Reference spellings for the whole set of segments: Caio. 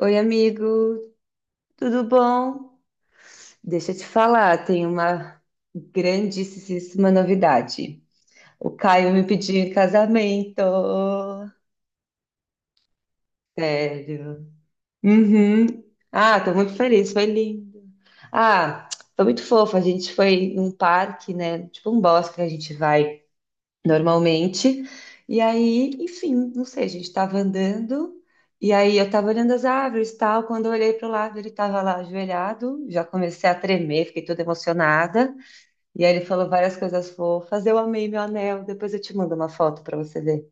Oi, amigo, tudo bom? Deixa eu te falar, tem uma grandíssima novidade. O Caio me pediu em casamento. Sério. Uhum. Ah, tô muito feliz, foi lindo. Ah, foi muito fofo. A gente foi num parque, né? Tipo um bosque que a gente vai normalmente. E aí, enfim, não sei, a gente estava andando, e aí eu estava olhando as árvores e tal. Quando eu olhei para o lado, ele estava lá ajoelhado, já comecei a tremer, fiquei toda emocionada. E aí ele falou várias coisas fofas. Eu amei meu anel, depois eu te mando uma foto para você ver.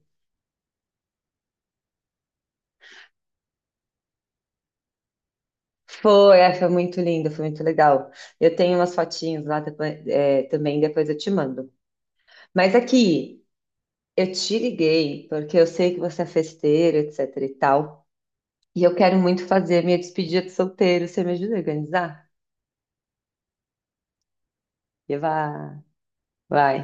Foi muito lindo, foi muito legal. Eu tenho umas fotinhas lá também, depois eu te mando. Mas aqui. Eu te liguei porque eu sei que você é festeiro, etc e tal. E eu quero muito fazer minha despedida de solteiro. Você me ajuda a organizar? E vai, vai.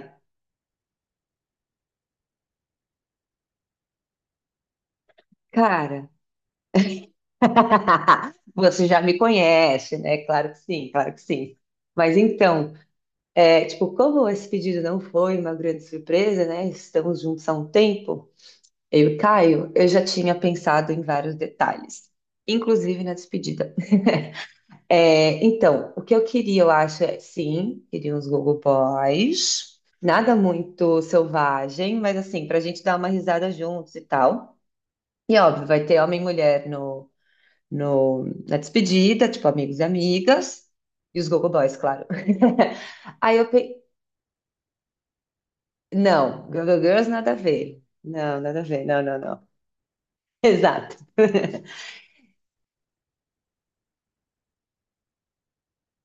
Cara, você já me conhece, né? Claro que sim, claro que sim. Mas então, tipo, como esse pedido não foi uma grande surpresa, né? Estamos juntos há um tempo, eu e o Caio, eu já tinha pensado em vários detalhes, inclusive na despedida. É, então, o que eu queria, eu acho, sim, queria uns Google Boys. Nada muito selvagem, mas assim, pra gente dar uma risada juntos e tal. E óbvio, vai ter homem e mulher no, no, na despedida, tipo amigos e amigas. E os gogo Boys, claro. Aí eu pensei, não, gogo Girls nada a ver. Não, nada a ver, não, não, não. Exato.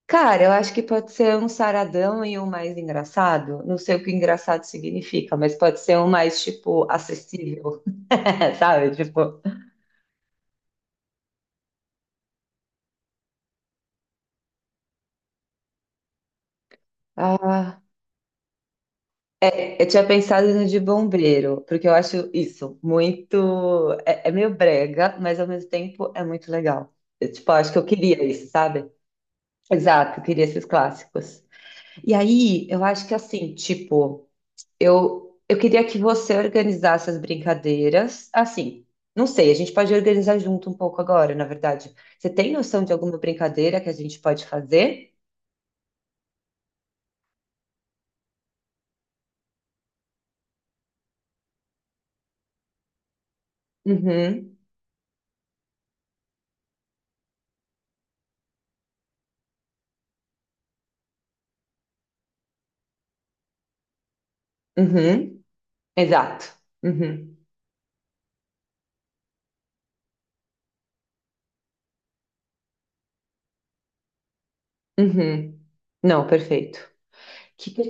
Cara, eu acho que pode ser um saradão e um mais engraçado. Não sei o que engraçado significa, mas pode ser um mais, tipo, acessível, sabe? Tipo, ah, eu tinha pensado no de bombeiro, porque eu acho isso muito. É meio brega, mas ao mesmo tempo é muito legal. Eu, tipo, acho que eu queria isso, sabe? Exato, eu queria esses clássicos. E aí, eu acho que assim, tipo. Eu queria que você organizasse as brincadeiras. Assim, não sei, a gente pode organizar junto um pouco agora, na verdade. Você tem noção de alguma brincadeira que a gente pode fazer? Uhum, uhum, exato. Uhum, uhum. Não, perfeito. Que per-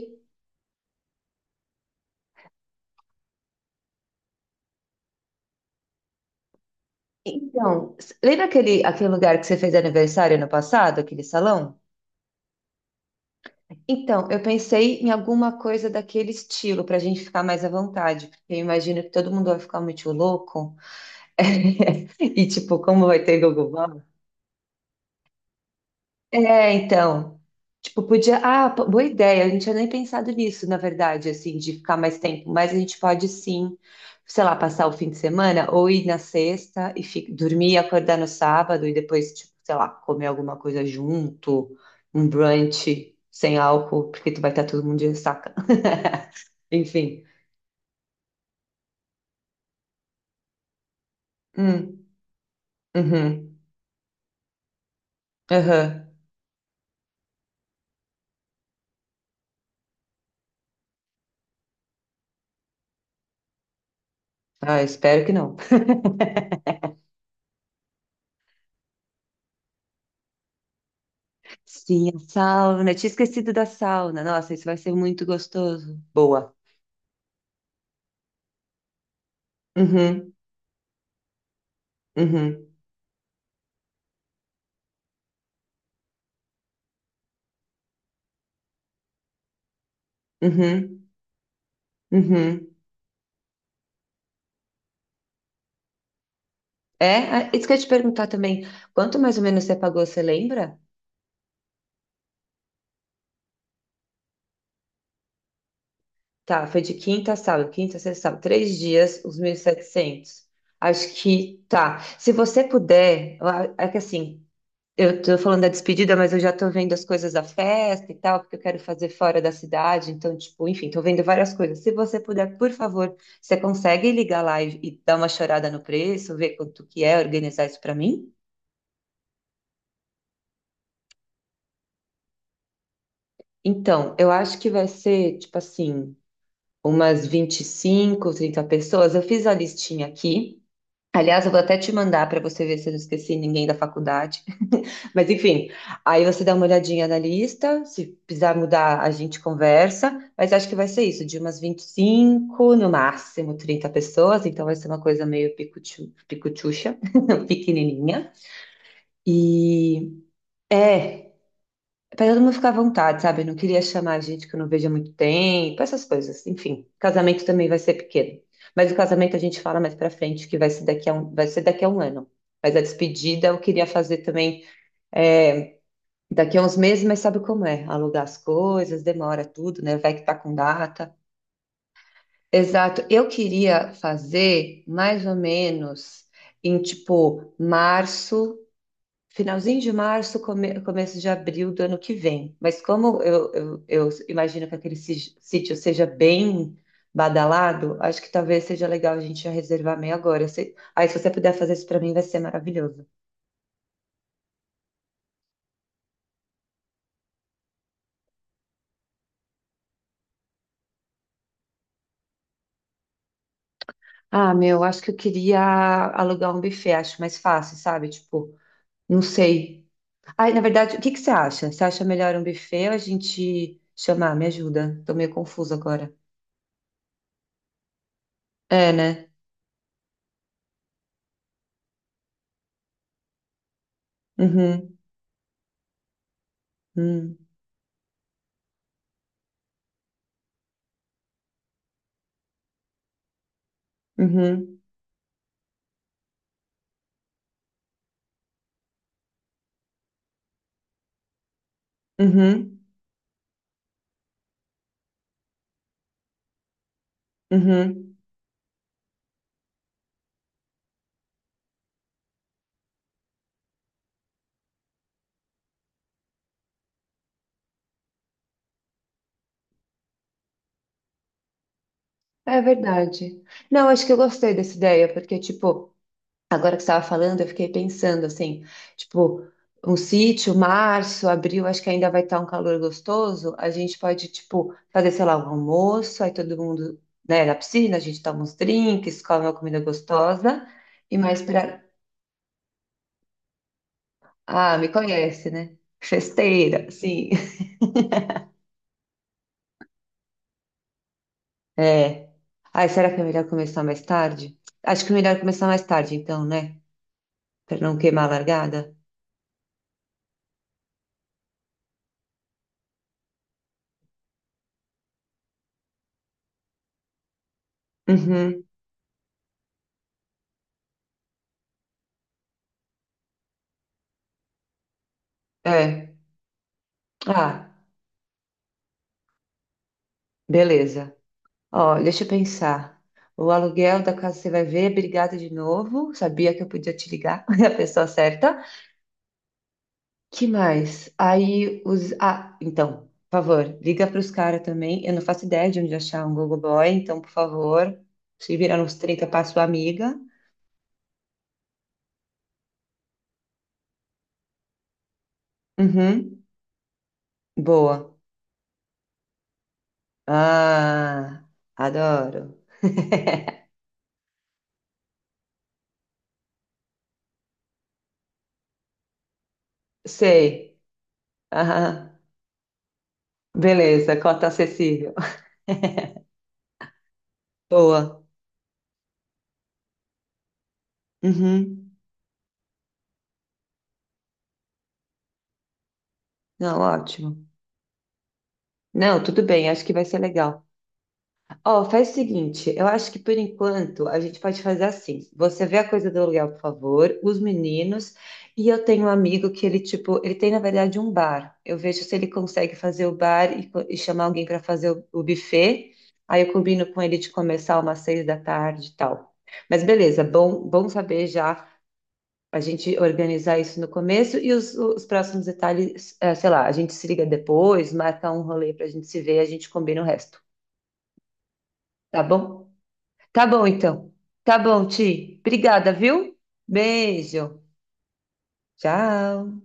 Então, lembra aquele lugar que você fez aniversário ano passado, aquele salão? Então, eu pensei em alguma coisa daquele estilo, para a gente ficar mais à vontade, porque eu imagino que todo mundo vai ficar muito louco. E tipo, como vai ter Google Maps? É, então, tipo, podia, ah, boa ideia, a gente tinha nem pensado nisso, na verdade, assim, de ficar mais tempo, mas a gente pode sim, sei lá, passar o fim de semana ou ir na sexta e dormir e acordar no sábado e depois, tipo, sei lá, comer alguma coisa junto, um brunch sem álcool, porque tu vai estar todo mundo de ressaca. Enfim. Hum, uhum, aham. Ah, espero que não. Sim, a sauna. Eu tinha esquecido da sauna. Nossa, isso vai ser muito gostoso. Boa. Uhum, uhum, uhum, uhum. É, ah, isso que eu ia te perguntar também. Quanto mais ou menos você pagou, você lembra? Tá, foi de quinta a sábado, quinta, sexta, sábado, 3 dias, os 1.700. Acho que tá. Se você puder, é que assim, eu tô falando da despedida, mas eu já tô vendo as coisas da festa e tal, porque eu quero fazer fora da cidade. Então, tipo, enfim, tô vendo várias coisas. Se você puder, por favor, você consegue ligar lá e dar uma chorada no preço, ver quanto que é, organizar isso pra mim? Então, eu acho que vai ser, tipo assim, umas 25, 30 pessoas. Eu fiz a listinha aqui. Aliás, eu vou até te mandar para você ver se eu não esqueci ninguém da faculdade. Mas enfim, aí você dá uma olhadinha na lista, se precisar mudar, a gente conversa, mas acho que vai ser isso, de umas 25 no máximo 30 pessoas, então vai ser uma coisa meio picuchu, picuchucha, pequenininha. E é, para todo mundo ficar à vontade, sabe? Eu não queria chamar gente que eu não vejo há muito tempo, essas coisas. Enfim, casamento também vai ser pequeno. Mas o casamento a gente fala mais pra frente, que vai ser daqui a um ano. Mas a despedida eu queria fazer também é, Daqui a uns meses, mas sabe como é? Alugar as coisas, demora tudo, né? Vai que tá com data. Exato. Eu queria fazer mais ou menos em tipo março, finalzinho de março, começo de abril do ano que vem. Mas como eu imagino que aquele sítio seja bem badalado, acho que talvez seja legal a gente já reservar meio agora. Aí, se você puder fazer isso para mim, vai ser maravilhoso. Ah, meu, acho que eu queria alugar um buffet, acho mais fácil, sabe? Tipo. Não sei. Ai, na verdade, o que que você acha? Você acha melhor um buffet ou a gente chamar? Me ajuda. Tô meio confusa agora. É, né? Uhum, uhum, uhum, uhum, uhum. É verdade. Não, acho que eu gostei dessa ideia, porque, tipo, agora que você estava falando, eu fiquei pensando assim, tipo, um sítio, março, abril, acho que ainda vai estar um calor gostoso. A gente pode, tipo, fazer, sei lá, um almoço, aí todo mundo, né, na piscina, a gente toma uns drinks, come uma comida gostosa e mais pra. Ah, me conhece, né? Festeira, sim. É. Ai, será que é melhor começar mais tarde? Acho que é melhor começar mais tarde, então, né? Pra não queimar a largada. Uhum. É. Ah, beleza. Ó, deixa eu pensar. O aluguel da casa você vai ver. Obrigada de novo. Sabia que eu podia te ligar, é a pessoa certa. Que mais? Aí os. Ah, então, por favor, liga para os caras também. Eu não faço ideia de onde achar um Google Boy, então, por favor, se virar nos trinta para sua amiga. Uhum, boa. Ah, adoro. Sei. Aham. Beleza, cota acessível. Boa. Uhum. Não, ótimo. Não, tudo bem, acho que vai ser legal. Ó, faz o seguinte, eu acho que por enquanto a gente pode fazer assim. Você vê a coisa do aluguel, por favor, os meninos, e eu tenho um amigo que ele, tipo, ele tem, na verdade, um bar. Eu vejo se ele consegue fazer o bar e chamar alguém para fazer o buffet. Aí eu combino com ele de começar umas 6 da tarde e tal. Mas beleza, bom saber já a gente organizar isso no começo e os próximos detalhes, sei lá, a gente se liga depois, marca um rolê para a gente se ver, a gente combina o resto, tá bom? Tá bom, então. Tá bom, Ti. Obrigada, viu? Beijo. Tchau.